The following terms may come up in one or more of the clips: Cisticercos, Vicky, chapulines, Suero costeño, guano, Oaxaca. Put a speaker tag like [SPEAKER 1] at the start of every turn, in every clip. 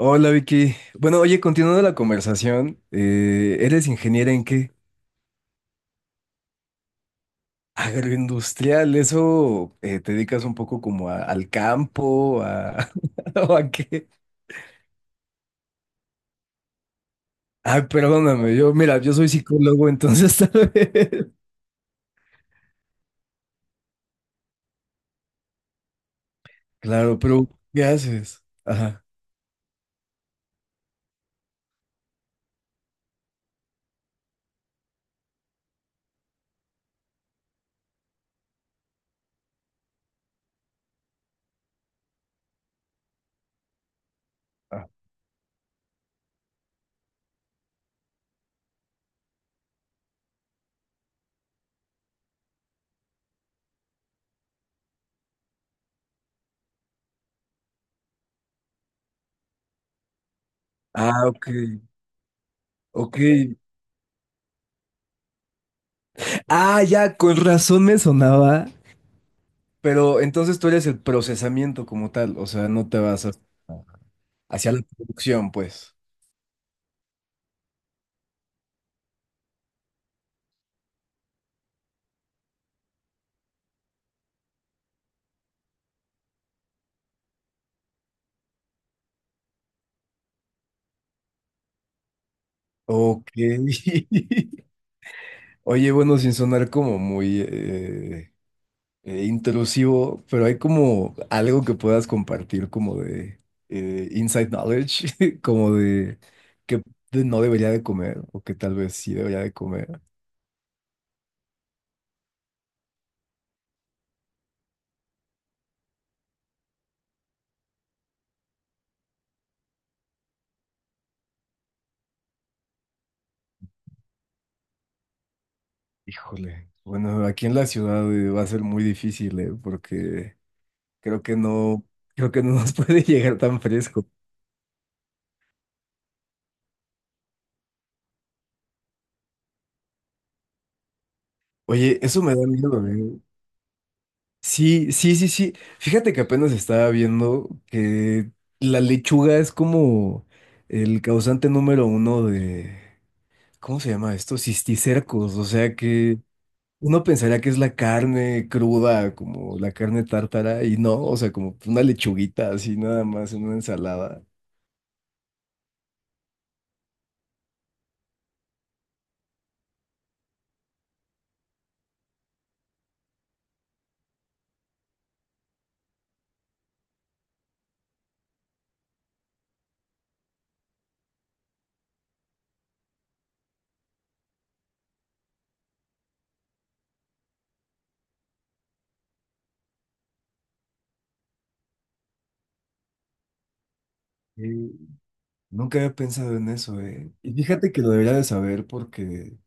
[SPEAKER 1] Hola Vicky. Bueno, oye, continuando la conversación, ¿eres ingeniera en qué? Agroindustrial, ¿eso te dedicas un poco como al campo, a, o a qué? Ay, perdóname, yo, mira, yo soy psicólogo, entonces tal vez. Claro, pero ¿qué haces? Ajá. Ah, ok, ok. Ah, ya, con razón me sonaba. Pero entonces tú eres el procesamiento como tal, o sea, no te vas hacia la producción, pues. Ok. Oye, bueno, sin sonar como muy intrusivo, pero hay como algo que puedas compartir como de inside knowledge, como de que no debería de comer o que tal vez sí debería de comer. Híjole. Bueno, aquí en la ciudad va a ser muy difícil, porque creo que no, creo que no nos puede llegar tan fresco. Oye, eso me da miedo, ¿eh? Sí, sí, sí, sí. Fíjate que apenas estaba viendo que la lechuga es como el causante número uno de, ¿cómo se llama esto? Cisticercos. O sea que uno pensaría que es la carne cruda, como la carne tártara, y no, o sea, como una lechuguita así nada más en una ensalada. Nunca había pensado en eso, eh. Y fíjate que lo debería de saber porque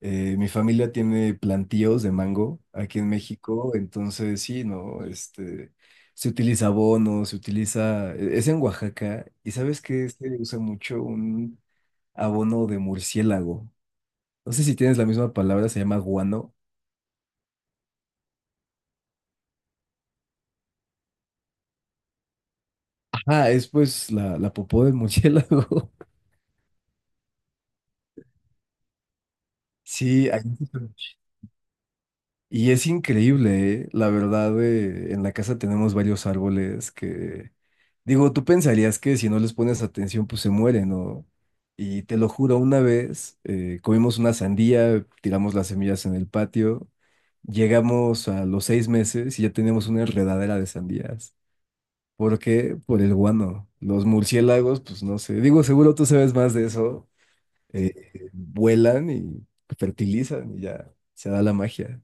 [SPEAKER 1] mi familia tiene plantíos de mango aquí en México, entonces sí, ¿no? Este, se utiliza abono, se utiliza, es en Oaxaca, y ¿sabes qué? Se usa mucho un abono de murciélago. No sé si tienes la misma palabra, se llama guano. Ajá, es pues la popó del murciélago. Sí, ahí y es increíble, ¿eh? La verdad, en la casa tenemos varios árboles que, digo, tú pensarías que si no les pones atención, pues se mueren, ¿no? Y te lo juro, una vez comimos una sandía, tiramos las semillas en el patio, llegamos a los 6 meses y ya teníamos una enredadera de sandías. ¿Por qué? Por el guano. Los murciélagos, pues no sé, digo, seguro tú sabes más de eso, vuelan y fertilizan y ya se da la magia.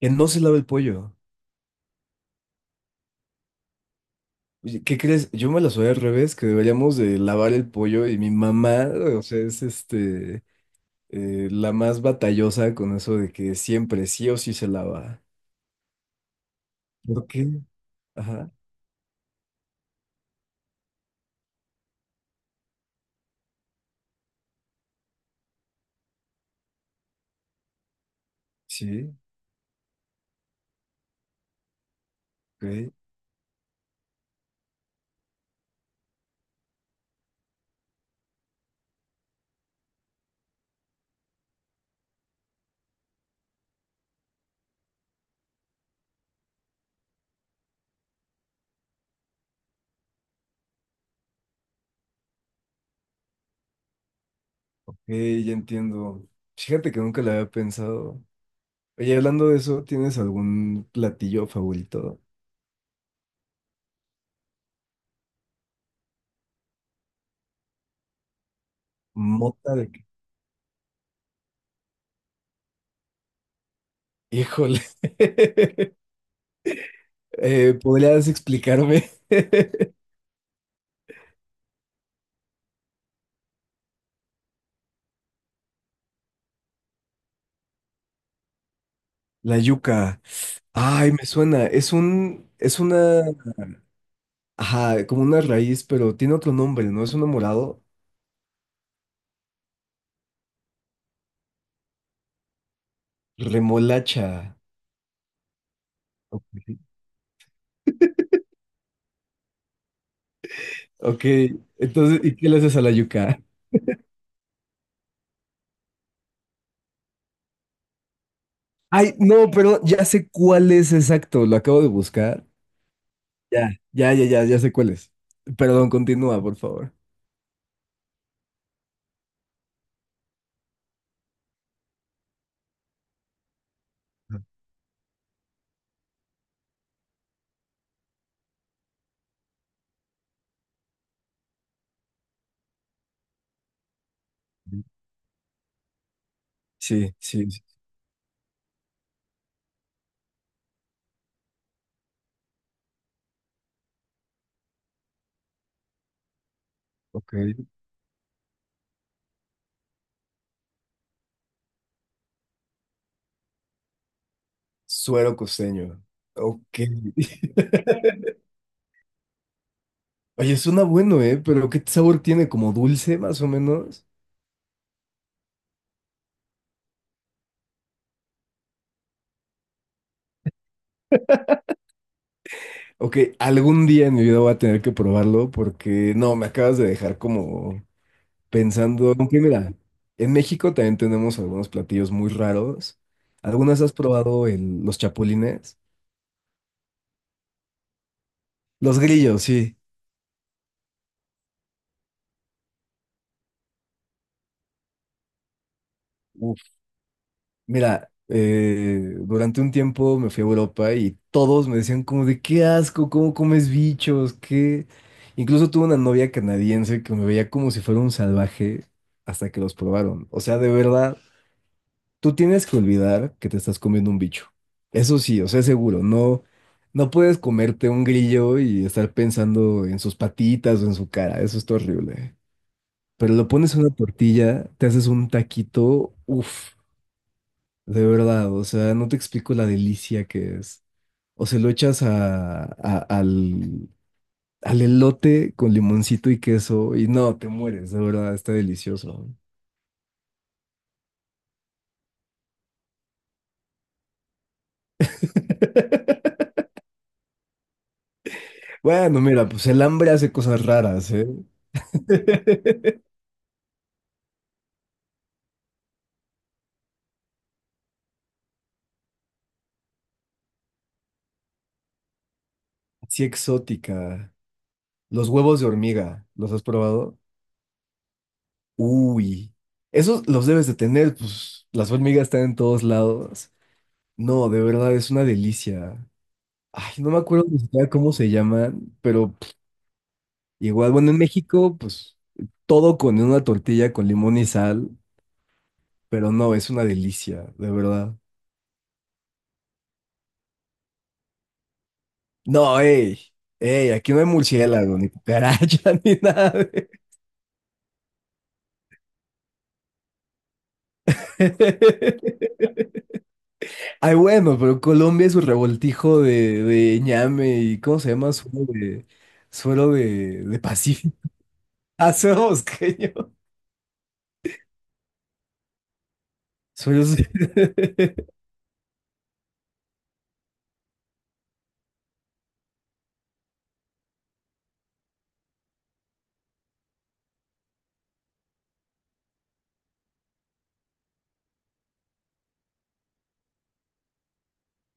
[SPEAKER 1] Que no se lava el pollo. Oye, ¿qué crees? Yo me la soy al revés, que deberíamos de lavar el pollo y mi mamá, o sea, es este, la más batallosa con eso de que siempre sí o sí se lava. ¿Por qué? Ajá, sí, ok, ok, ya entiendo. Fíjate que nunca lo había pensado. Oye, hablando de eso, ¿tienes algún platillo favorito? Mota de... que- Híjole. ¿Podrías explicarme? La yuca. Ay, me suena. Es un, es una, ajá, como una raíz, pero tiene otro nombre, ¿no? Es un morado. Remolacha. Ok, ok, entonces, ¿y qué le haces a la yuca? Ay, no, pero ya sé cuál es exacto. Lo acabo de buscar. Ya, ya, ya, ya, ya sé cuál es. Perdón, continúa, por favor. Sí, sí, sí, ok. Suero costeño. Ok. Oye, suena bueno, ¿eh? Pero ¿qué sabor tiene? ¿Como dulce, más o menos? Ok, algún día en mi vida voy a tener que probarlo porque no, me acabas de dejar como pensando. Aunque mira, en México también tenemos algunos platillos muy raros. ¿Algunas has probado los chapulines? Los grillos, sí. Uf. Mira, durante un tiempo me fui a Europa y todos me decían como de qué asco, cómo comes bichos, qué... Incluso tuve una novia canadiense que me veía como si fuera un salvaje hasta que los probaron. O sea, de verdad. Tú tienes que olvidar que te estás comiendo un bicho. Eso sí, o sea, seguro, no, no puedes comerte un grillo y estar pensando en sus patitas o en su cara, eso está horrible. Pero lo pones en una tortilla, te haces un taquito, uff, de verdad, o sea, no te explico la delicia que es. O se lo echas a, al, al elote con limoncito y queso y no, te mueres, de verdad, está delicioso. Bueno, mira, pues el hambre hace cosas raras, ¿eh? Sí, exótica. Los huevos de hormiga, ¿los has probado? Uy, esos los debes de tener, pues las hormigas están en todos lados. No, de verdad, es una delicia. Ay, no me acuerdo ni siquiera cómo se llaman, pero pff, igual, bueno, en México, pues todo con una tortilla con limón y sal, pero no, es una delicia, de verdad. No, ey, ey, aquí no hay murciélago, ni cucaracha, ni nada. De- Ay, bueno, pero Colombia es un revoltijo de ñame y ¿cómo se llama? Suelo de Pacífico. Ah, suelo bosqueño. Suelo...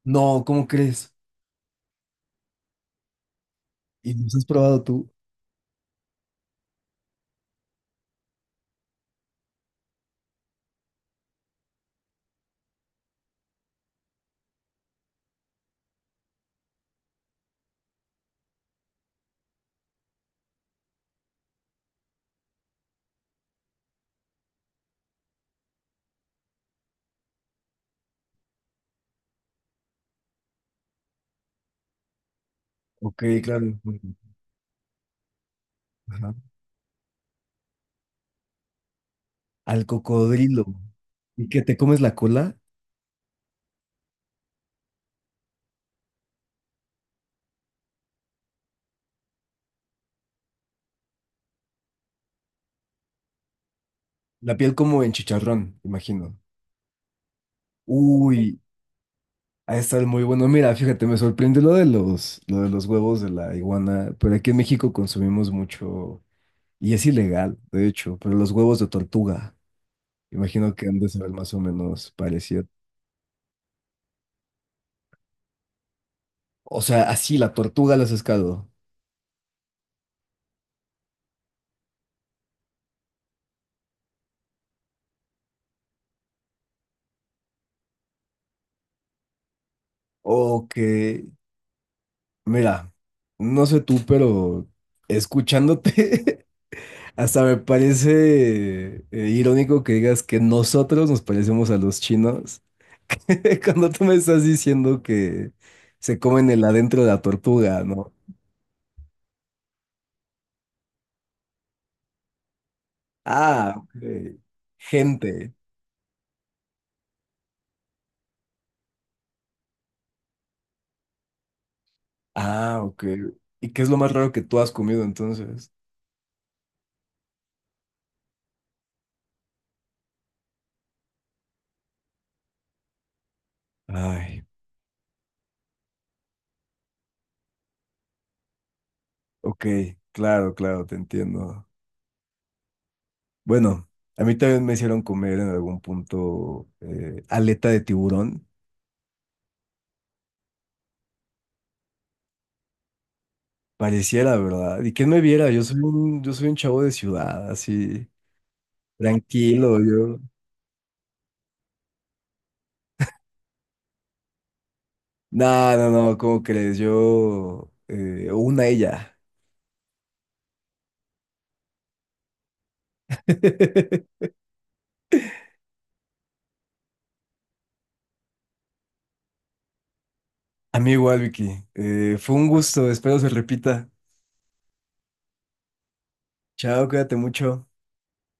[SPEAKER 1] No, ¿cómo crees? ¿Y los has probado tú? Ok, claro, bueno, ajá. Al cocodrilo. ¿Y que te comes la cola? La piel como en chicharrón, imagino. Uy, ha de estar muy bueno. Mira, fíjate, me sorprende lo de los huevos de la iguana, pero aquí en México consumimos mucho. Y es ilegal, de hecho, pero los huevos de tortuga, imagino que han de saber más o menos parecido. O sea, así la tortuga los pescado. O que, mira, no sé tú, pero escuchándote, hasta me parece irónico que digas que nosotros nos parecemos a los chinos cuando tú me estás diciendo que se comen el adentro de la tortuga, ¿no? Ah, ok. Gente. Ah, ok. ¿Y qué es lo más raro que tú has comido entonces? Ay, ok, claro, claro, te entiendo. Bueno, a mí también me hicieron comer en algún punto aleta de tiburón. Pareciera, ¿verdad? ¿Y quién me viera? Yo soy un chavo de ciudad, así, tranquilo, yo. No, no, no, ¿cómo crees? Yo, una ella. A mí igual, Vicky. Fue un gusto, espero se repita. Chao, cuídate mucho.